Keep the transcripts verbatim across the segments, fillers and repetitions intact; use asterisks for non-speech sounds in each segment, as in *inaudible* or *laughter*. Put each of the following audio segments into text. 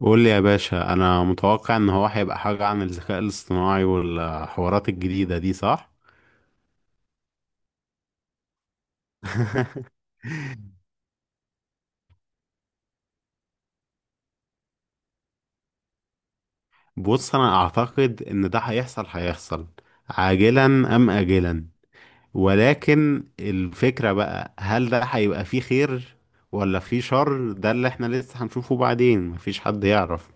قول لي يا باشا، انا متوقع ان هو هيبقى حاجة عن الذكاء الاصطناعي والحوارات الجديدة دي، صح؟ بص، انا اعتقد ان ده هيحصل هيحصل عاجلا ام اجلا. ولكن الفكرة بقى، هل ده هيبقى فيه خير ولا فيه شر؟ ده اللي احنا لسه هنشوفه بعدين. مفيش حد يعرف.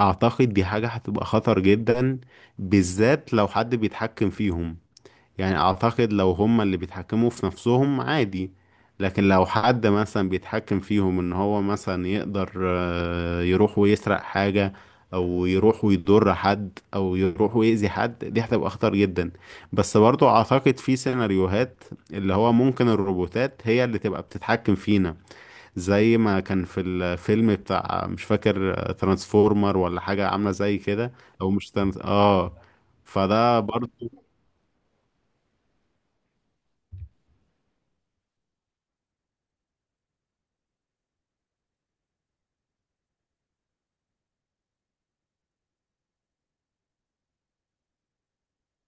اعتقد دي حاجة هتبقى خطر جدا، بالذات لو حد بيتحكم فيهم. يعني اعتقد لو هما اللي بيتحكموا في نفسهم، عادي. لكن لو حد مثلا بيتحكم فيهم، ان هو مثلا يقدر آه، يروح ويسرق حاجة، او يروح ويضر حد، او يروح ويأذي حد، دي هتبقى خطر جدا. بس برضو اعتقد في سيناريوهات اللي هو ممكن الروبوتات هي اللي تبقى بتتحكم فينا، زي ما كان في الفيلم بتاع، مش فاكر، آه، ترانسفورمر ولا حاجة عاملة زي كده. او مش ترانس... اه فده برضو.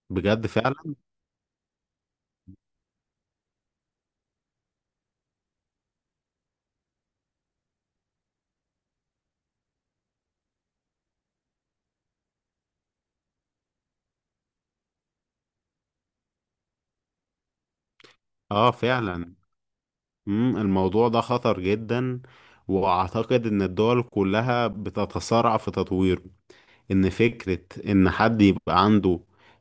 بجد فعلا. اه فعلا. مم، الموضوع ده خطر جدا، واعتقد ان الدول كلها بتتسارع في تطويره. ان فكرة ان حد يبقى عنده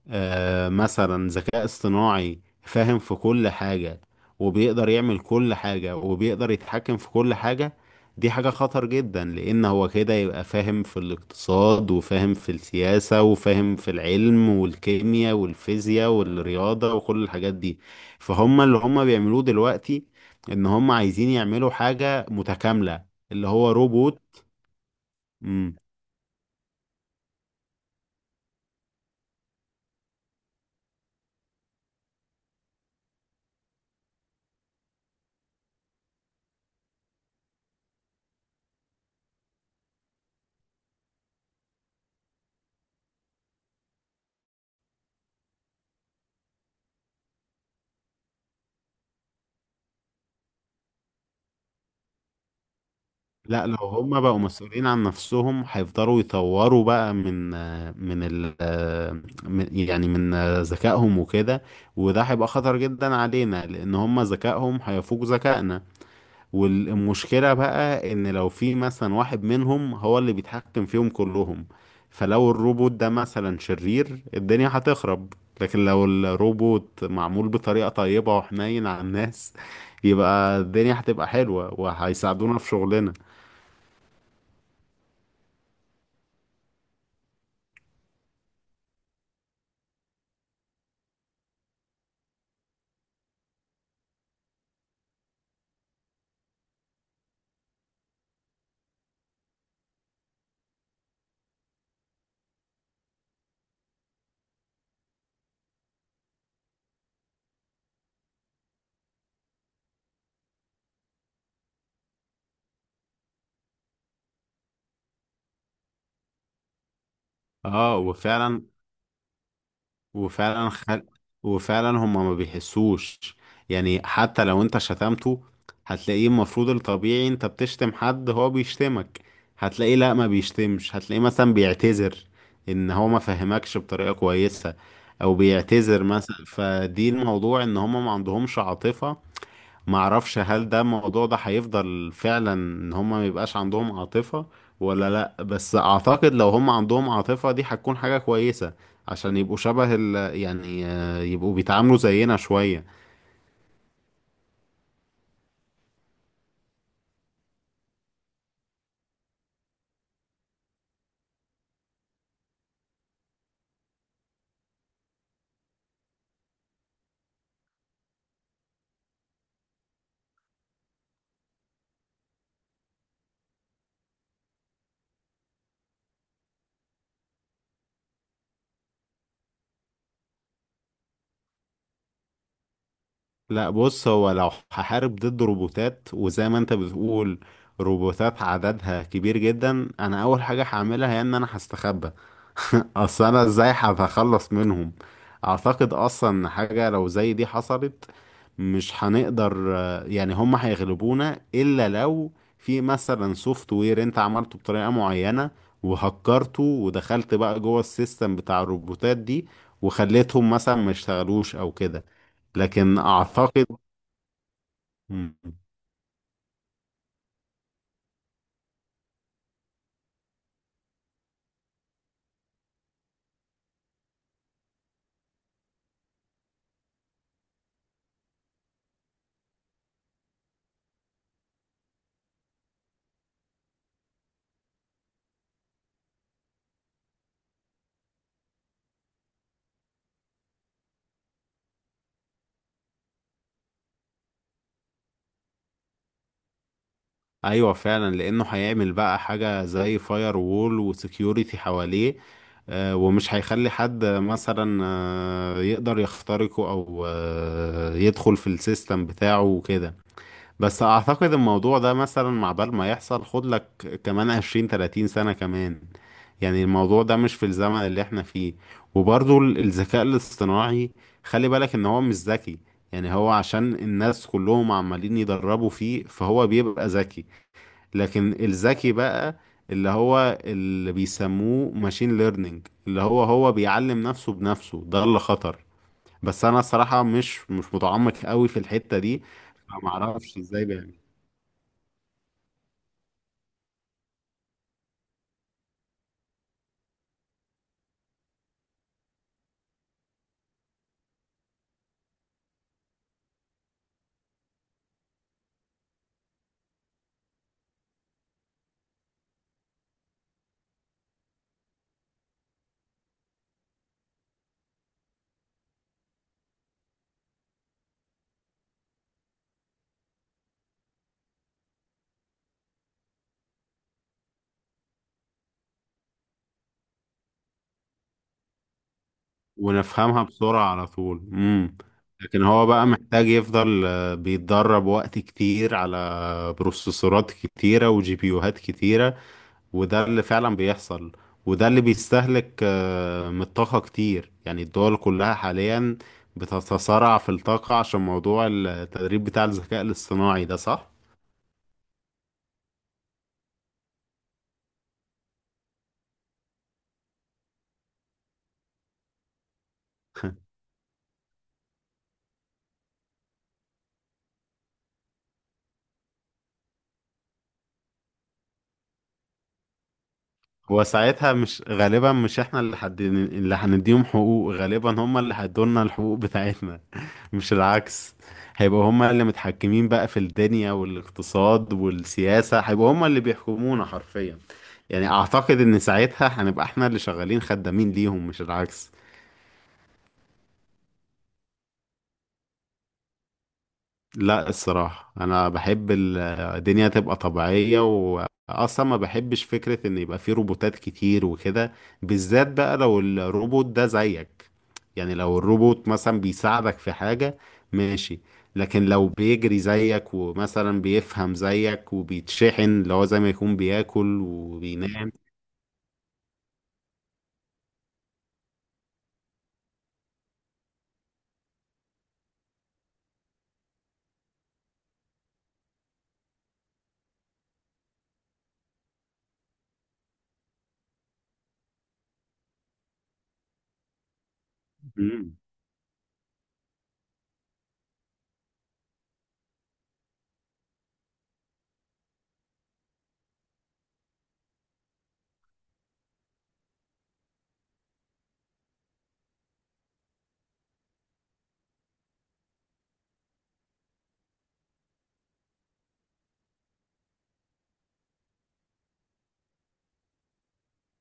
آه، مثلا ذكاء اصطناعي فاهم في كل حاجة، وبيقدر يعمل كل حاجة، وبيقدر يتحكم في كل حاجة، دي حاجة خطر جدا، لان هو كده يبقى فاهم في الاقتصاد، وفاهم في السياسة، وفاهم في العلم والكيمياء والفيزياء والرياضة وكل الحاجات دي. فهم اللي هم بيعملوه دلوقتي ان هم عايزين يعملوا حاجة متكاملة اللي هو روبوت. لا، لو هما بقوا مسؤولين عن نفسهم هيفضلوا يطوروا بقى من من ال من- يعني من ذكائهم وكده. وده هيبقى خطر جدا علينا، لان هما ذكائهم هيفوق ذكائنا. والمشكلة بقى ان لو في مثلا واحد منهم هو اللي بيتحكم فيهم كلهم، فلو الروبوت ده مثلا شرير، الدنيا هتخرب. لكن لو الروبوت معمول بطريقة طيبة وحنين على الناس، يبقى الدنيا هتبقى حلوة وهيساعدونا في شغلنا. اه، وفعلا وفعلا خل... وفعلا هما ما بيحسوش. يعني حتى لو انت شتمته، هتلاقيه، المفروض الطبيعي انت بتشتم حد هو بيشتمك، هتلاقيه لا، ما بيشتمش، هتلاقيه مثلا بيعتذر ان هو ما فهمكش بطريقة كويسة، او بيعتذر مثلا. فدي الموضوع، ان هما ما عندهمش عاطفة. معرفش، هل ده الموضوع ده هيفضل فعلا ان هما ميبقاش عندهم عاطفة ولا لا؟ بس اعتقد لو هما عندهم عاطفة، دي هتكون حاجة كويسة، عشان يبقوا شبه ال يعني آه، يبقوا بيتعاملوا زينا شوية. لا، بص، هو لو هحارب ضد روبوتات، وزي ما انت بتقول روبوتات عددها كبير جدا، انا اول حاجة هعملها هي ان انا هستخبى. اصل انا ازاي هب- هخلص منهم؟ اعتقد اصلا إن حاجة لو زي دي حصلت، مش هنقدر آه، يعني هم هيغلبونا، الا لو في مثلا سوفت وير انت عملته بطريقة معينة، وهكرته ودخلت بقى جوه السيستم بتاع الروبوتات دي، وخليتهم مثلا ما يشتغلوش او كده. لكن اعتقد. مم. ايوه فعلا، لانه هيعمل بقى حاجه زي فاير وول وسكيورتي حواليه، آه، ومش هيخلي حد مثلا آه، يقدر يخترقه، او آه، يدخل في السيستم بتاعه وكده. بس اعتقد الموضوع ده مثلا، مع بال ما يحصل، خد لك كمان عشرين ثلاثون سنه كمان. يعني الموضوع ده مش في الزمن اللي احنا فيه. وبرضو ال- الذكاء الاصطناعي، خلي بالك ان هو مش ذكي. يعني هو عشان الناس كلهم عمالين يدربوا فيه فهو بيبقى ذكي. لكن الذكي بقى اللي هو اللي بيسموه ماشين ليرنينج، اللي هو هو بيعلم نفسه بنفسه، ده اللي خطر. بس انا الصراحة مش مش متعمق قوي في الحتة دي، فما اعرفش ازاي بيعمل ونفهمها بسرعة على طول امم لكن هو بقى محتاج يفضل آه، بيتدرب وقت كتير على بروسيسورات كتيرة وجي بيوهات كتيرة، وده اللي فعلا بيحصل، وده اللي بيستهلك آه، من الطاقة كتير. يعني الدول كلها حاليا بتتصارع في الطاقة عشان موضوع التدريب بتاع الذكاء الاصطناعي ده، صح؟ هو ساعتها مش غالبا، مش احنا اللي حد اللي هنديهم حقوق، غالبا هم اللي هيدولنا الحقوق بتاعتنا، *laughs* مش العكس. هيبقوا هم اللي متحكمين بقى في الدنيا والاقتصاد والسياسة، هيبقوا هم اللي بيحكمونا حرفيا. يعني اعتقد ان ساعتها هنبقى احنا اللي شغالين خدامين ليهم، مش العكس. لا، الصراحة أنا بحب ال- الدنيا تبقى طبيعية، وأصلا ما بحبش فكرة إن يبقى في روبوتات كتير وكده، بالذات بقى لو الروبوت ده زيك. يعني لو الروبوت مثلا بيساعدك في حاجة، ماشي، لكن لو بيجري زيك ومثلا بيفهم زيك وبيتشحن اللي هو زي ما يكون بياكل وبينام. مم.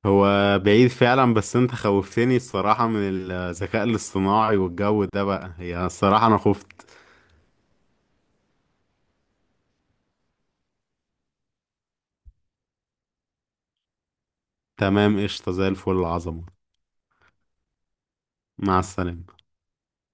هو بعيد فعلا، بس انت خوفتني الصراحة من الذكاء الاصطناعي والجو ده بقى، هي الصراحة أنا خفت. تمام، قشطة، زي الفل، العظمة. مع السلامة.